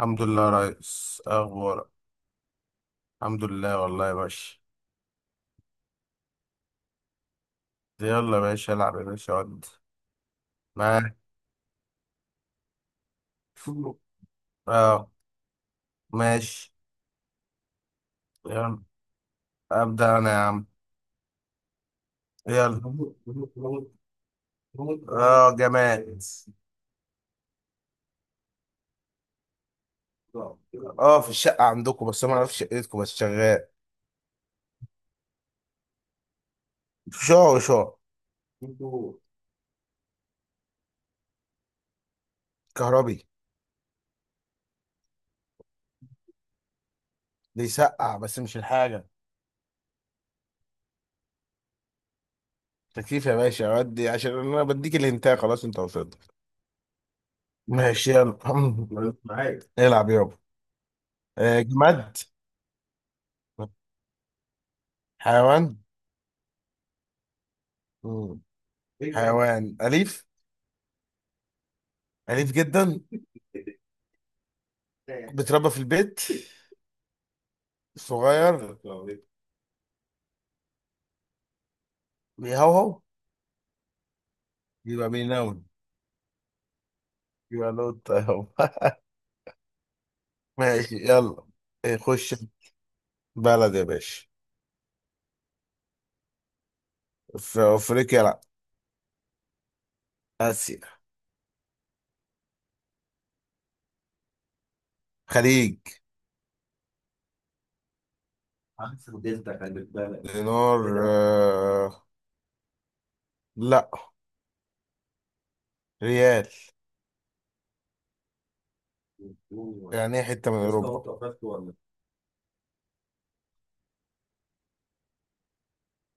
الحمد لله يا ريس، اخبارك. الحمد لله والله يا باشا. يلا يا باشا العب يا باشا ود. معاك. اه ماشي. يلا. ابدا انا يا عم. يلا. اه جماد. اه في الشقه عندكم، بس انا ما اعرفش شقتكم، بس شغال. شعر وشعر. كهربي. بيسقع بس مش الحاجه. تكييف يا باشا، ودي عشان انا بديك الهنتايه. خلاص انت وصلت. ماشي يلا. معاك، العب يابا. جماد. حيوان. مم. بيج بانج حيوان أليف. أليف جدا. بيتربى في البيت. صغير. بيهوهو. يبقى بينون. يبقى نوت أهو. ماشي يلا. إيه، خش. بلد يا باشا. في أفريقيا، لأ. آسيا. خليج. دينار. لأ. ريال. يعني إيه حتة من أوروبا؟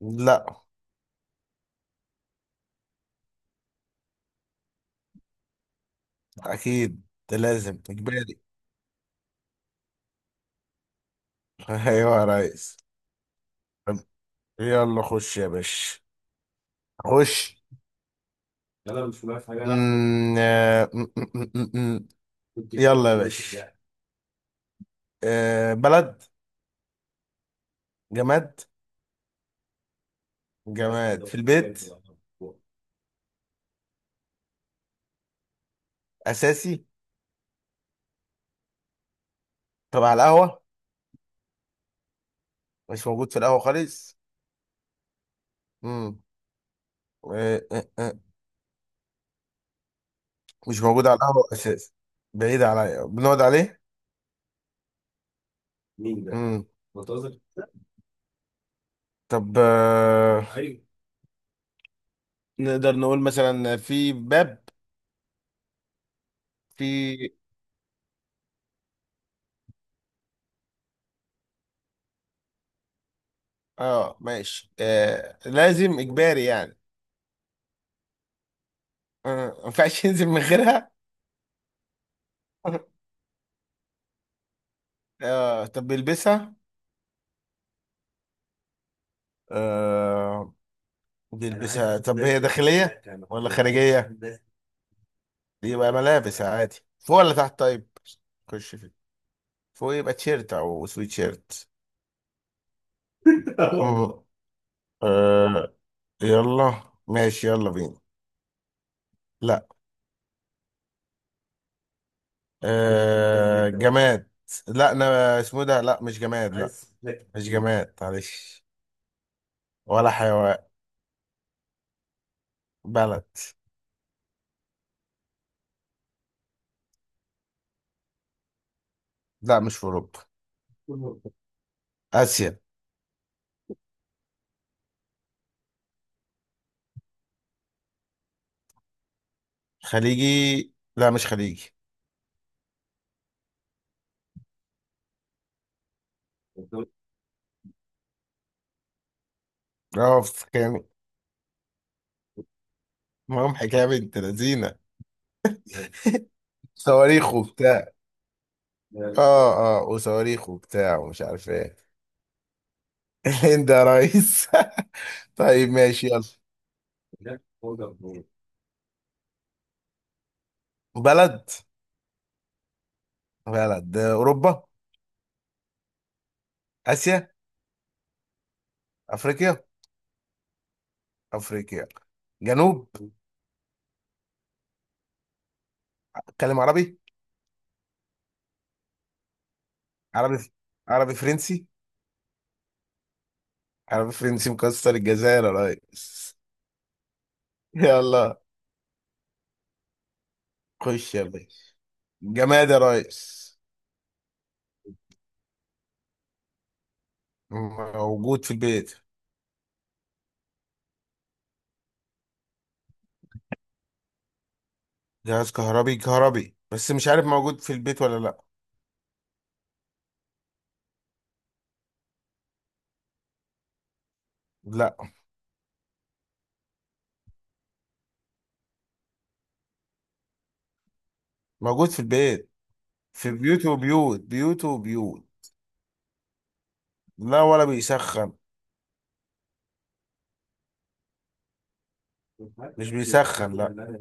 لأ. أكيد. ده لازم إجباري. أيوه يا ريس. يلا خش يا باشا. خش. مم، آه، م- م- م- م- م. يلا يا باشا يعني. بلد. جماد بس. جماد في البيت. أساسي. طب على القهوة. مش موجود في القهوة خالص. مم. آه، آه، آه. مش موجود على القهوة أساسي. بعيد عليا بنقعد عليه. مم. طب، نقدر نقول مثلا في باب. في. اه ماشي، لازم إجباري يعني. ما ينفعش ينزل من غيرها. طب بيلبسها. آه، بيلبسها. طب هي داخلية ولا خارجية دي؟ يبقى ملابس عادي فوق ولا تحت؟ طيب. خش فيه. فوق يبقى تيشيرت او سويت شيرت. آه. آه، يلا ماشي يلا بينا. لا. جماد. لا انا اسمه إيه ده، لا مش جماد لا. مش جماد معلش. ولا حيوان. بلد. لا مش في اوروبا. اسيا. خليجي. لا مش خليجي. اه كان. معاهم حكايه بنت لذينه. صواريخ وبتاع. اه اه وصواريخ وبتاع ومش عارف ايه. الهند يا ريس. طيب ماشي يلا. بلد. بلد اوروبا. اسيا. افريقيا. افريقيا. جنوب. اتكلم عربي. عربي. عربي فرنسي. عربي فرنسي مكسر. الجزائر يا ريس. يلا. خش يا باشا. جماد يا ريس. موجود في البيت. جهاز كهربي. كهربي بس مش عارف موجود في البيت ولا لا. لا، موجود في البيت. في بيوت وبيوت بيوت وبيوت. لا ولا بيسخن. مش بيسخن لا.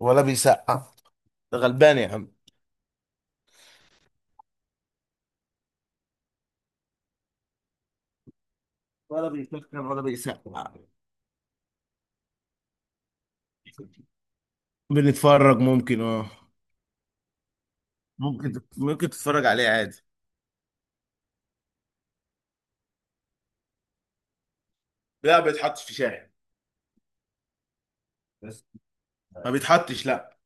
ولا بيسقع. ده غلبان يا عم. ولا بيسخن ولا بيسقع. بنتفرج ممكن اه. ممكن تتفرج عليه عادي. لا، ما بيتحطش في شاحن. ما بيتحطش لا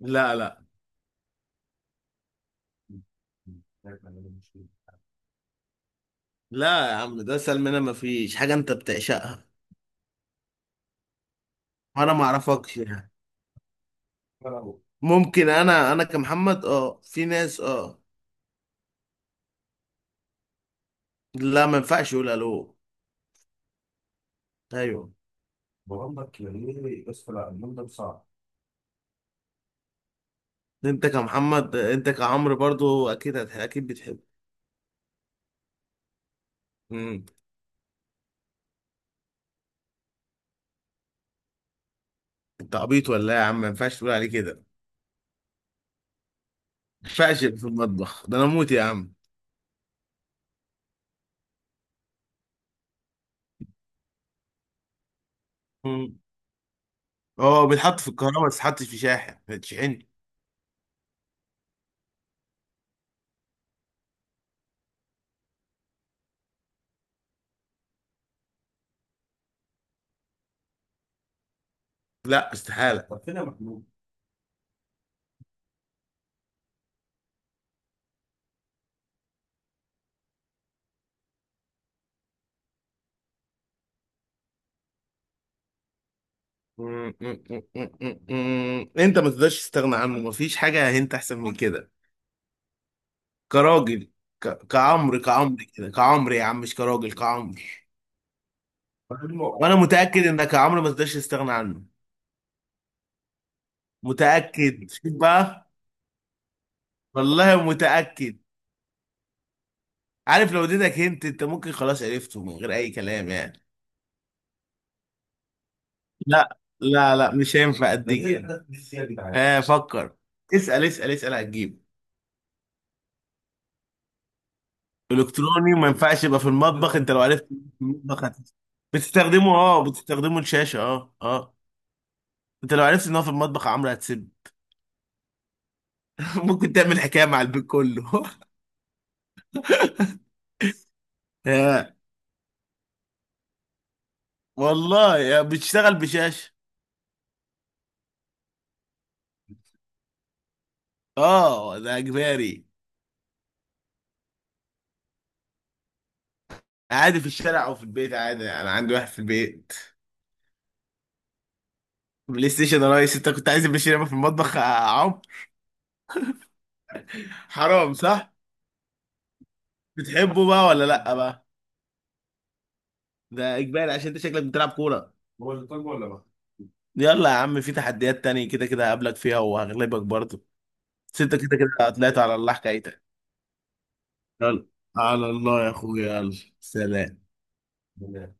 لا لا لا لا يا عم، ده اسهل منها. ما فيش حاجه انت بتعشقها. وانا ما اعرفكش يعني. ممكن انا كمحمد، اه في ناس اه. لا ما ينفعش يقول الو. ايوه، بقول لك ليه بس لا اليوم ده صعب. انت كمحمد، انت كعمرو برضو اكيد بتحب. امم. انت عبيط ولا ايه يا عم؟ ما ينفعش تقول عليه كده. ما ينفعش في المطبخ، ده انا موت يا عم. مم. اه بيتحط في الكهرباء، بس يتحطش في شاحن، ما تشحنش. لا استحاله. انت ما تقدرش تستغنى عنه، مفيش حاجه انت احسن من كده. كراجل. كعمرو كعمرو كده كعمرو يا عم، مش كراجل كعمرو. وانا متاكد انك يا عمرو ما تقدرش تستغنى عنه. متاكد، شوف بقى. والله متاكد. عارف لو اديتك هنت انت، ممكن خلاص عرفته من غير اي كلام يعني. لا لا لا، مش هينفع اديك. اه فكر. اسال اسال اسال، هتجيب. الكتروني ما ينفعش يبقى في المطبخ. انت لو عرفت إنه في المطبخ هت... بتستخدمه الشاشه، اه اه. انت لو عرفت ان هو في المطبخ يا عمرو هتسيب. ممكن تعمل حكايه مع البيت كله. آه، والله يا بتشتغل بشاشه. اه ده اجباري. عادي في الشارع او في البيت عادي، انا عندي واحد في البيت. بلاي ستيشن يا ريس. انت كنت عايز بلاي ستيشن يبقى في المطبخ يا عم؟ حرام صح. بتحبه بقى ولا لا بقى؟ ده اجباري عشان انت شكلك بتلعب كوره. يلا يا عم، في تحديات تانية كده كده هقابلك فيها وهغلبك برضه. بس انت كده كده طلعت على الله حكايتك. يلا. على الله يا اخويا يلا. سلام.